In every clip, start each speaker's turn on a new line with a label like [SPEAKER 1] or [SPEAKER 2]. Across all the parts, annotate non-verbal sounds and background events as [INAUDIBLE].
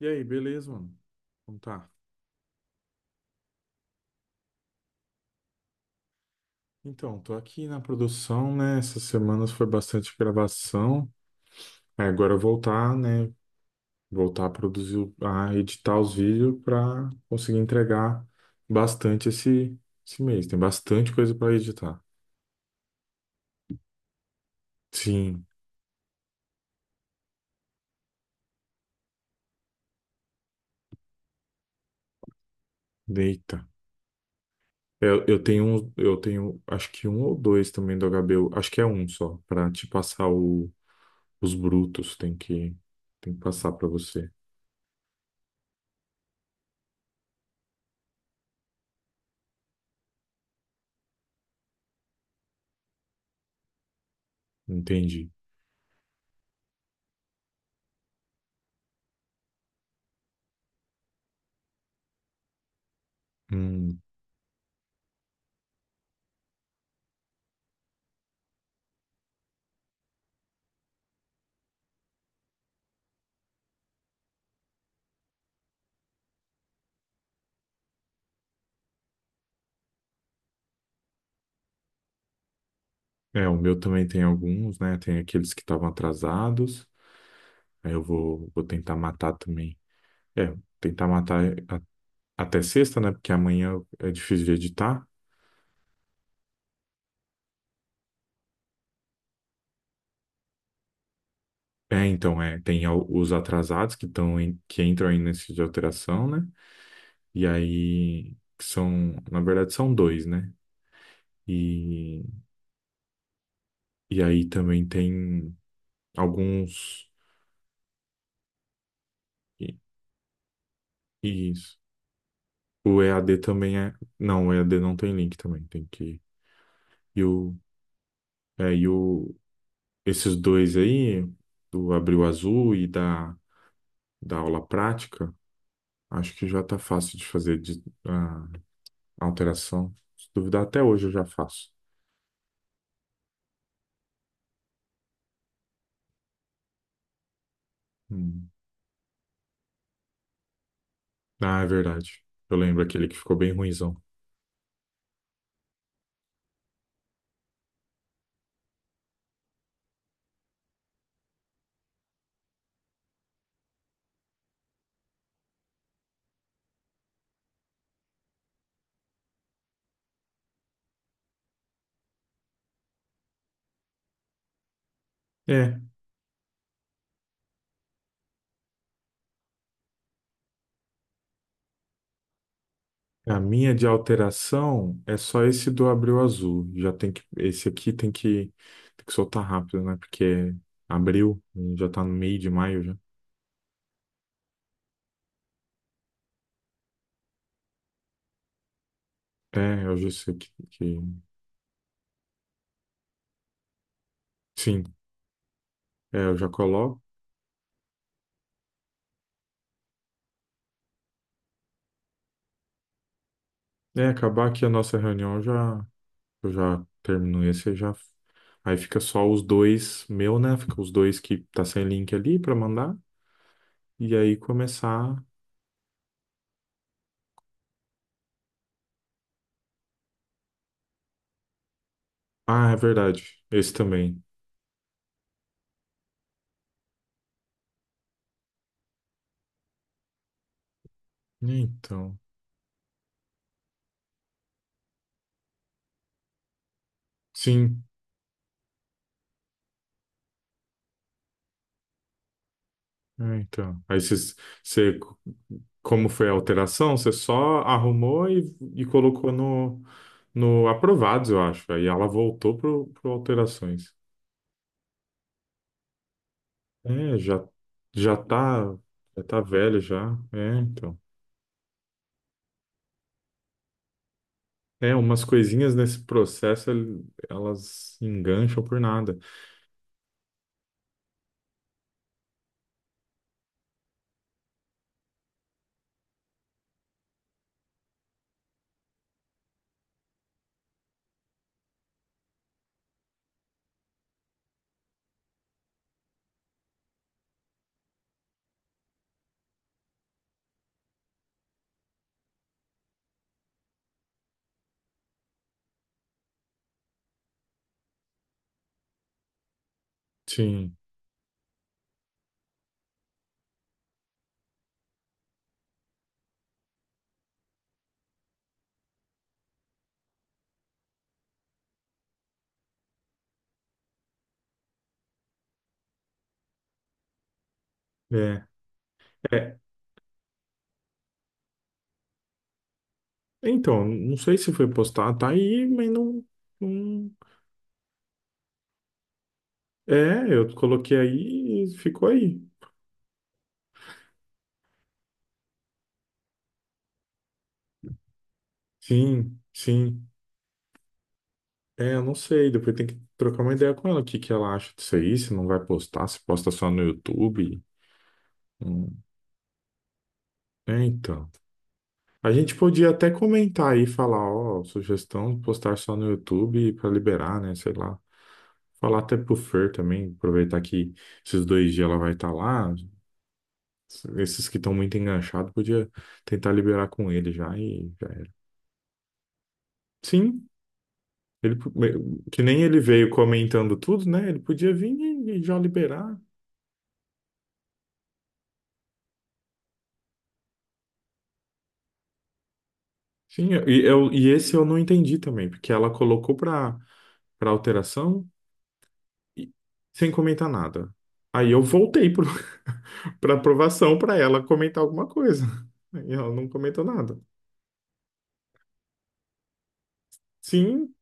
[SPEAKER 1] E aí, beleza, mano? Então tá. Então, tô aqui na produção, né? Essas semanas foi bastante gravação. Aí agora voltar, né? Voltar a produzir, a editar os vídeos pra conseguir entregar bastante esse mês. Tem bastante coisa pra editar. Sim, deita. Eu tenho, acho que um ou dois também do HBO. Acho que é um só, pra te passar os brutos. Tem que passar pra você. Entendi. Hum. É, o meu também tem alguns, né? Tem aqueles que estavam atrasados. Aí eu vou tentar matar também. É, tentar matar até sexta, né? Porque amanhã é difícil de editar. É, então, é, tem os atrasados que estão que entram aí nesse de alteração, né? E aí que são, na verdade, são dois, né? E, e aí também tem alguns. E, e isso. O EAD também é. Não, o EAD não tem link também, tem que. E o, e o, esses dois aí, do Abril Azul e da aula prática, acho que já tá fácil de fazer de, a alteração. Se duvidar, até hoje eu já faço. Hum. Ah, é verdade. Eu lembro aquele que ficou bem ruinzão. É, a minha de alteração é só esse do Abril Azul. Já tem que, esse aqui tem que soltar rápido, né? Porque é abril, já tá no meio de maio já. É, eu já sei que... Sim, é, eu já coloco. É, acabar aqui a nossa reunião eu já termino esse, eu já. Aí fica só os dois meu, né? Fica os dois que tá sem link ali pra mandar e aí começar. Ah, é verdade. Esse também. Então. Sim. É, então. Aí você, como foi a alteração, você só arrumou e colocou no aprovados, eu acho. Aí ela voltou pro alterações. É, já tá já tá velho já. É, então. É, umas coisinhas nesse processo, elas engancham por nada. Sim, é. É, então, não sei se foi postado, tá aí, mas não, não... É, eu coloquei aí e ficou aí. Sim, sim. É, eu não sei, depois tem que trocar uma ideia com ela, o que que ela acha disso aí, se não vai postar, se posta só no YouTube. Hum, É, então. A gente podia até comentar aí, falar, ó, sugestão de postar só no YouTube pra liberar, né, sei lá. Falar até pro Fer também, aproveitar que esses dois dias ela vai estar lá. Esses que estão muito enganchados, podia tentar liberar com ele já e já era. Sim, ele, que nem ele veio comentando tudo, né? Ele podia vir e já liberar. Sim, e esse eu não entendi também, porque ela colocou para para alteração e- sem comentar nada. Aí eu voltei para [LAUGHS] pra aprovação para ela comentar alguma coisa. [LAUGHS] E ela não comentou nada. Sim,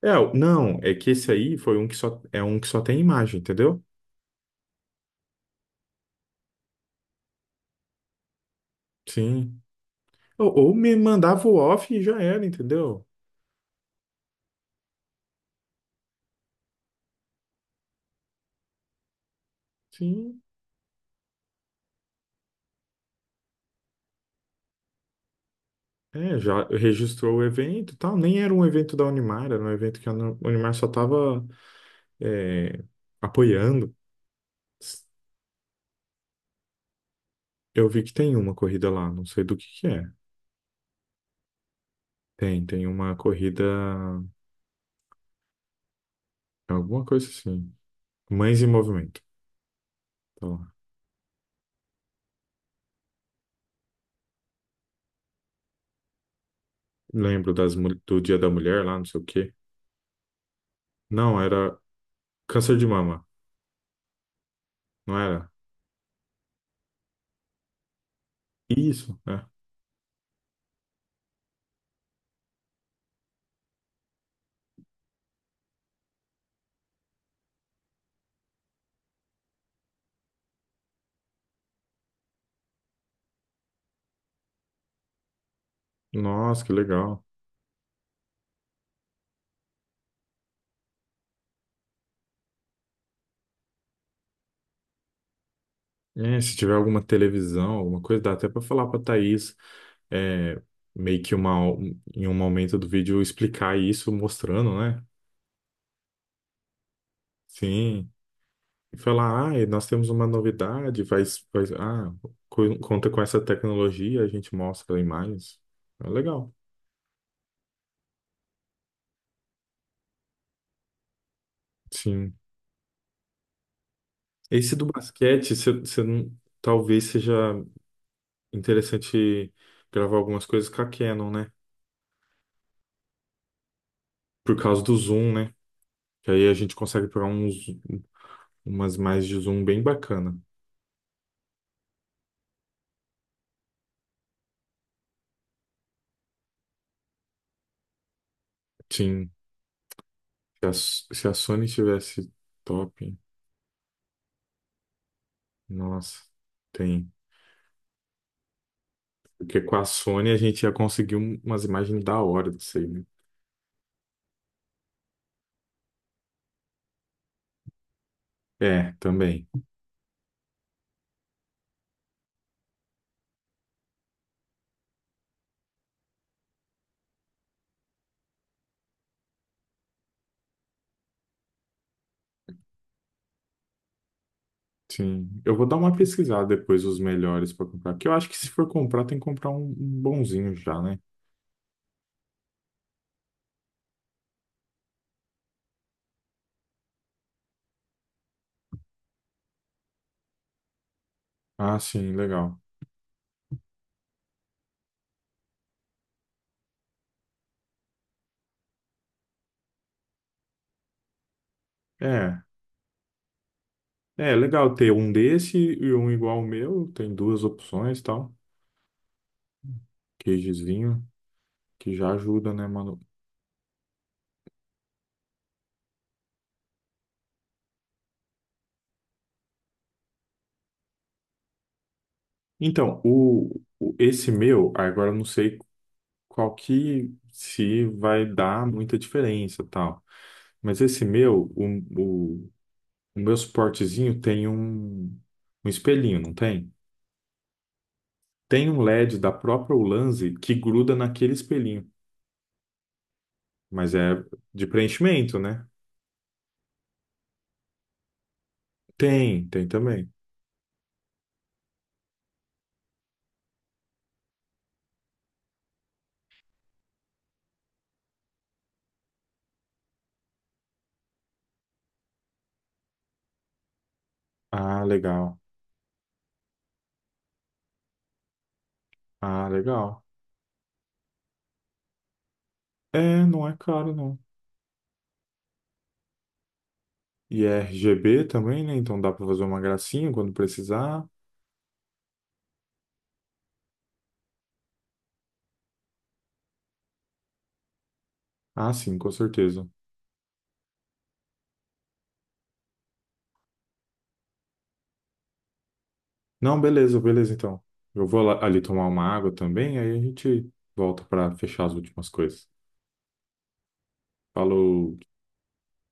[SPEAKER 1] é, não, é que esse aí foi um que só é um que só tem imagem, entendeu? Sim. Ou me mandava o off e já era, entendeu? Sim. É, já registrou o evento, e tal. Nem era um evento da Unimar, era um evento que a Unimar só tava é, apoiando. Eu vi que tem uma corrida lá, não sei do que é. Tem uma corrida, alguma coisa assim. Mães em Movimento. Tá lá. Lembro do Dia da Mulher lá, não sei o quê. Não, era câncer de mama, não era? Isso, é. Nossa, que legal. É, se tiver alguma televisão, alguma coisa, dá até para falar para Thaís, é, meio que em um momento do vídeo explicar isso, mostrando, né? Sim. E falar, ah, e nós temos uma novidade, vai, conta com essa tecnologia, a gente mostra imagens. É legal. Sim. Esse do basquete, você você não- talvez seja interessante gravar algumas coisas com a Canon, né? Por causa do zoom, né? Que aí a gente consegue pegar umas mais de zoom bem bacana. Sim, se a Sony tivesse top, nossa, tem. Porque com a Sony a gente ia conseguir umas imagens da hora disso aí, né? É, também. Sim, eu vou dar uma pesquisada depois os melhores para comprar. Que eu acho que se for comprar, tem que comprar um bonzinho já, né? Ah, sim, legal. É, é legal ter um desse e um igual ao meu. Tem duas opções, e tal. Queijezinho, que já ajuda, né, mano? Então, esse meu, agora eu não sei qual que se vai dar muita diferença, tal. Mas esse meu, o, o meu suportezinho tem um espelhinho, não tem? Tem um LED da própria Ulanzi que gruda naquele espelhinho, mas é de preenchimento, né? Tem também. Ah, legal. Ah, legal. É, não é caro, não. E é RGB também, né? Então dá pra fazer uma gracinha quando precisar. Ah, sim, com certeza. Não, beleza, beleza, então. Eu vou ali tomar uma água também, aí a gente volta para fechar as últimas coisas. Falou.